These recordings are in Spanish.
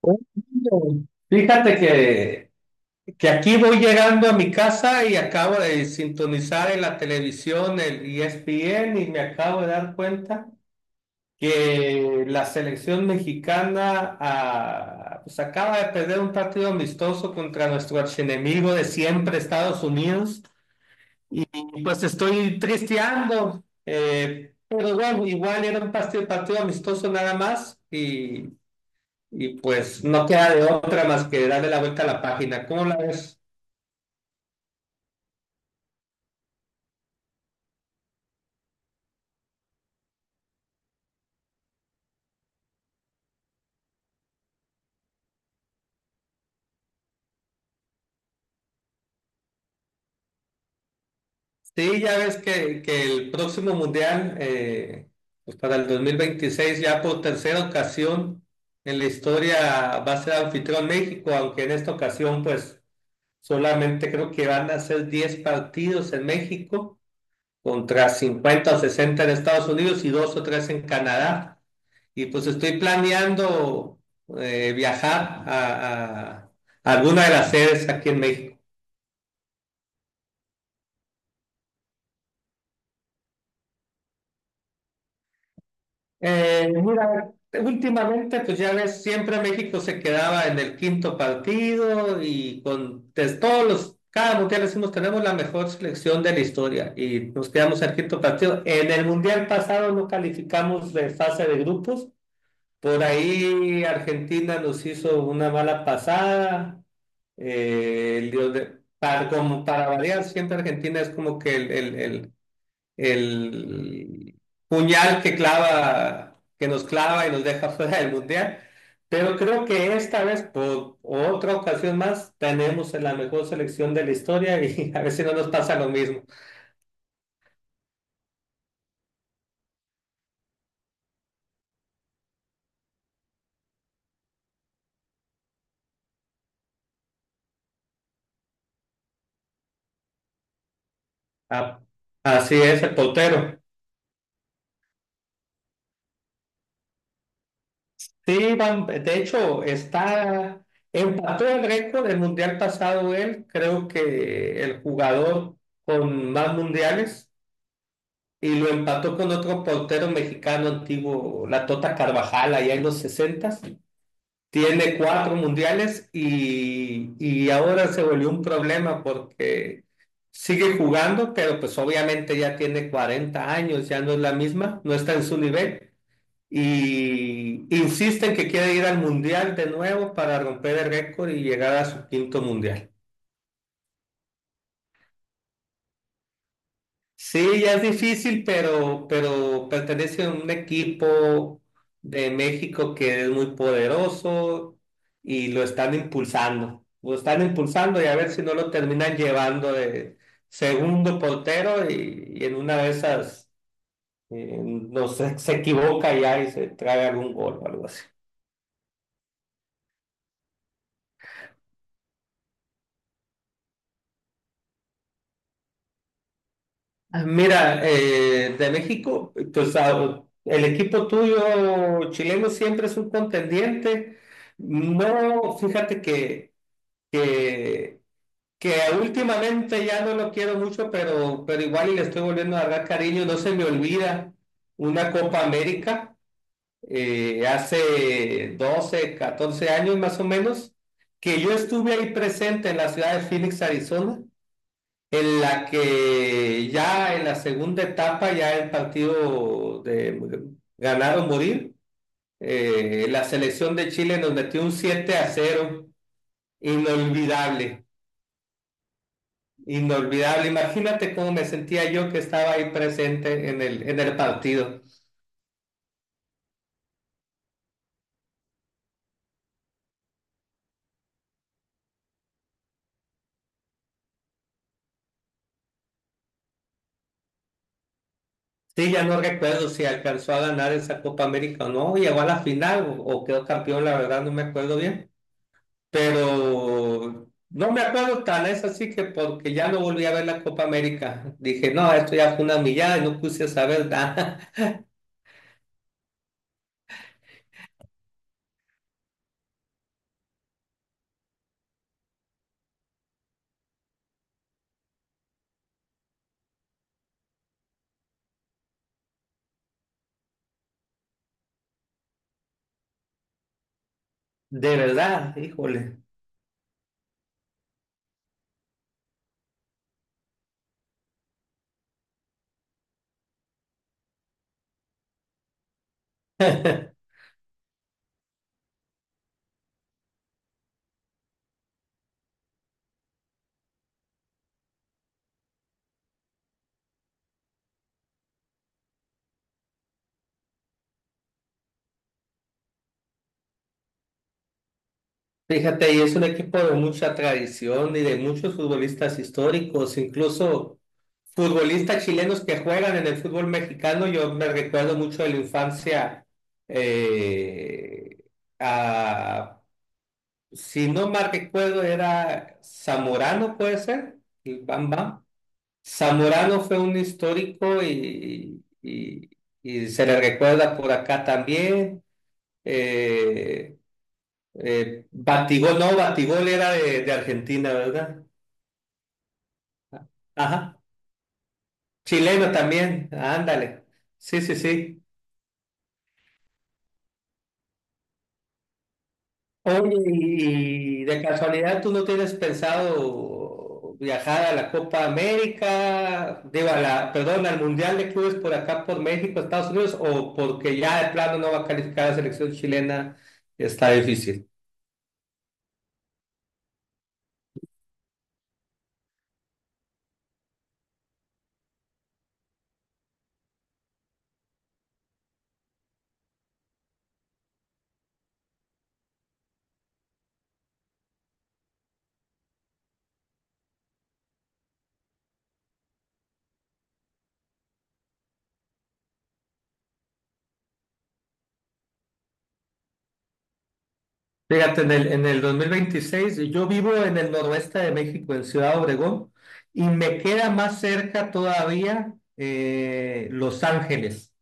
Oh, no. Fíjate que aquí voy llegando a mi casa y acabo de sintonizar en la televisión el ESPN y me acabo de dar cuenta que la selección mexicana pues acaba de perder un partido amistoso contra nuestro archienemigo de siempre, Estados Unidos, y pues estoy tristeando, pero bueno, igual era un partido amistoso nada más y pues no queda de otra más que darle la vuelta a la página. ¿Cómo la ves? Sí, ya ves que el próximo mundial, pues para el 2026 ya por tercera ocasión en la historia va a ser anfitrión México, aunque en esta ocasión pues solamente creo que van a ser 10 partidos en México contra 50 o 60 en Estados Unidos y dos o tres en Canadá. Y pues estoy planeando viajar a, a alguna de las sedes aquí en México. Mira, últimamente, pues ya ves, siempre México se quedaba en el quinto partido y con de todos los, cada mundial decimos, tenemos la mejor selección de la historia y nos quedamos en el quinto partido. En el mundial pasado no calificamos de fase de grupos. Por ahí Argentina nos hizo una mala pasada. El para, como para variar, siempre Argentina es como que el puñal que clava, que nos clava y nos deja fuera del mundial. Pero creo que esta vez, por otra ocasión más, tenemos la mejor selección de la historia y a ver si no nos pasa lo mismo. Ah, así es el portero. Sí, de hecho, está, empató el récord del mundial pasado él, creo que el jugador con más mundiales, y lo empató con otro portero mexicano antiguo, la Tota Carvajal, allá en los sesentas. Tiene cuatro mundiales y ahora se volvió un problema porque sigue jugando, pero pues obviamente ya tiene 40 años, ya no es la misma, no está en su nivel. Y insisten que quiere ir al mundial de nuevo para romper el récord y llegar a su quinto mundial. Sí, ya es difícil, pero pertenece a un equipo de México que es muy poderoso y lo están impulsando. Lo están impulsando y a ver si no lo terminan llevando de segundo portero y en una de esas no sé, se equivoca ya y se trae algún gol o algo así. Ah, mira, de México, o sea, el equipo tuyo chileno siempre es un contendiente. No, fíjate que, que últimamente ya no lo quiero mucho, pero igual y le estoy volviendo a dar cariño. No se me olvida una Copa América hace 12, 14 años más o menos, que yo estuve ahí presente en la ciudad de Phoenix, Arizona, en la que ya en la segunda etapa, ya el partido de ganar o morir, la selección de Chile nos metió un 7 a cero inolvidable, inolvidable. Imagínate cómo me sentía yo que estaba ahí presente en el partido. Sí, ya no recuerdo si alcanzó a ganar esa Copa América o no, llegó a la final o quedó campeón, la verdad no me acuerdo bien, pero no me acuerdo tan, es así que porque ya no volví a ver la Copa América. Dije, no, esto ya fue una millada y no puse a saber nada. De verdad, híjole. Fíjate, y es un equipo de mucha tradición y de muchos futbolistas históricos, incluso futbolistas chilenos que juegan en el fútbol mexicano. Yo me recuerdo mucho de la infancia eh, a, si no mal recuerdo, era Zamorano, puede ser, el Bam Bam. Zamorano fue un histórico y, y se le recuerda por acá también. Eh, Batigol, no, Batigol era de Argentina, ¿verdad? Ajá. Chileno también, ándale. Sí, sí, sí. Oye, y de casualidad tú no tienes pensado viajar a la Copa América, digo, a la, perdón, al Mundial de Clubes por acá, por México, Estados Unidos, o porque ya de plano no va a calificar la selección chilena, está difícil. Fíjate, en el 2026, yo vivo en el noroeste de México, en Ciudad Obregón, y me queda más cerca todavía Los Ángeles.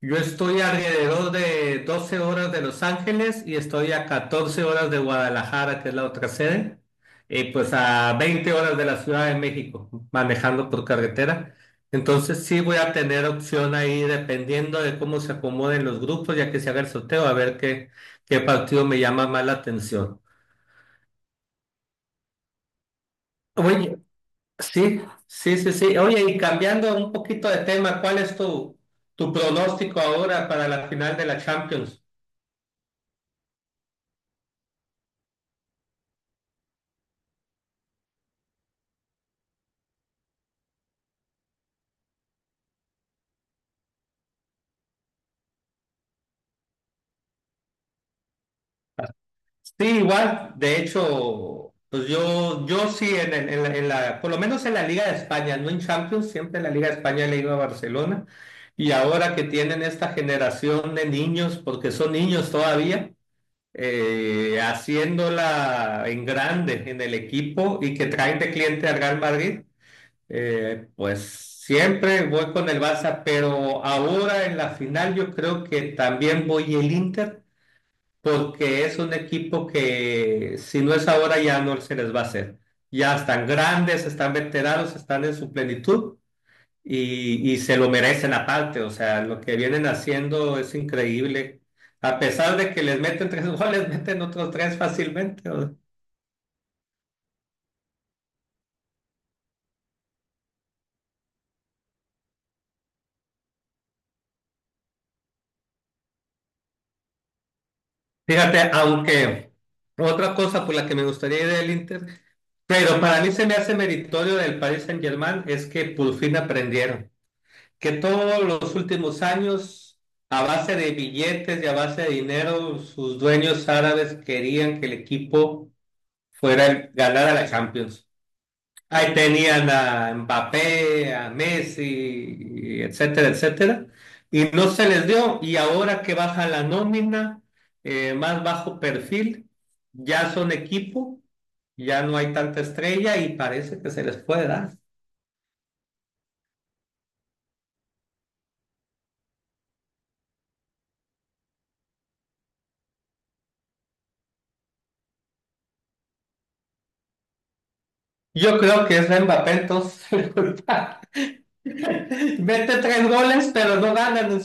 Yo estoy alrededor de 12 horas de Los Ángeles y estoy a 14 horas de Guadalajara, que es la otra sede, y pues a 20 horas de la Ciudad de México, manejando por carretera. Entonces sí voy a tener opción ahí dependiendo de cómo se acomoden los grupos, ya que se haga el sorteo, a ver qué, qué partido me llama más la atención. Oye, sí, sí, sí, sí. Oye, y cambiando un poquito de tema, ¿cuál es tu, tu pronóstico ahora para la final de la Champions? Sí, igual, de hecho, pues yo sí, en, en la, por lo menos en la Liga de España, no en Champions, siempre en la Liga de España le he ido a Barcelona. Y ahora que tienen esta generación de niños, porque son niños todavía, haciéndola en grande en el equipo y que traen de cliente al Real Madrid, pues siempre voy con el Barça, pero ahora en la final yo creo que también voy el Inter porque es un equipo que si no es ahora ya no se les va a hacer. Ya están grandes, están veteranos, están en su plenitud y se lo merecen aparte. O sea, lo que vienen haciendo es increíble. A pesar de que les meten tres goles, meten otros tres fácilmente. O- Fíjate, aunque otra cosa por la que me gustaría ir del Inter, pero para mí se me hace meritorio del Paris Saint-Germain es que por fin aprendieron. Que todos los últimos años, a base de billetes y a base de dinero, sus dueños árabes querían que el equipo ganara la Champions. Ahí tenían a Mbappé, a Messi, etcétera, etcétera. Y no se les dio. Y ahora que baja la nómina, más bajo perfil, ya son equipo, ya no hay tanta estrella y parece que se les puede dar. Yo creo que es Mbappé entonces. Mete tres goles, pero no ganan.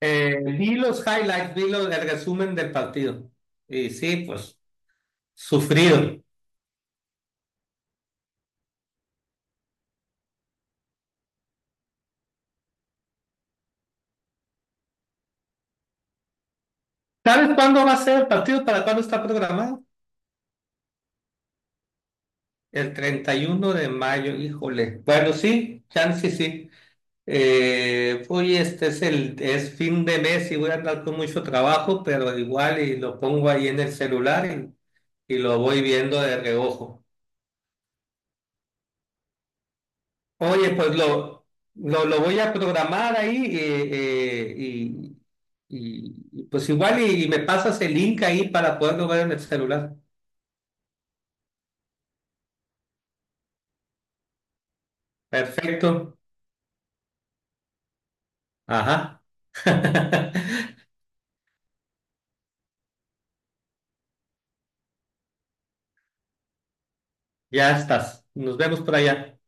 Vi los highlights, el resumen del partido. Y sí, pues, sufrido. ¿Sabes cuándo va a ser el partido? ¿Para cuándo está programado? El 31 de mayo, híjole. Bueno, sí, chance sí. Oye, este es el es fin de mes y voy a andar con mucho trabajo, pero igual y lo pongo ahí en el celular y lo voy viendo de reojo. Oye, pues lo voy a programar ahí y, y, pues igual y me pasas el link ahí para poderlo ver en el celular. Perfecto. Ajá. Ya estás. Nos vemos por allá.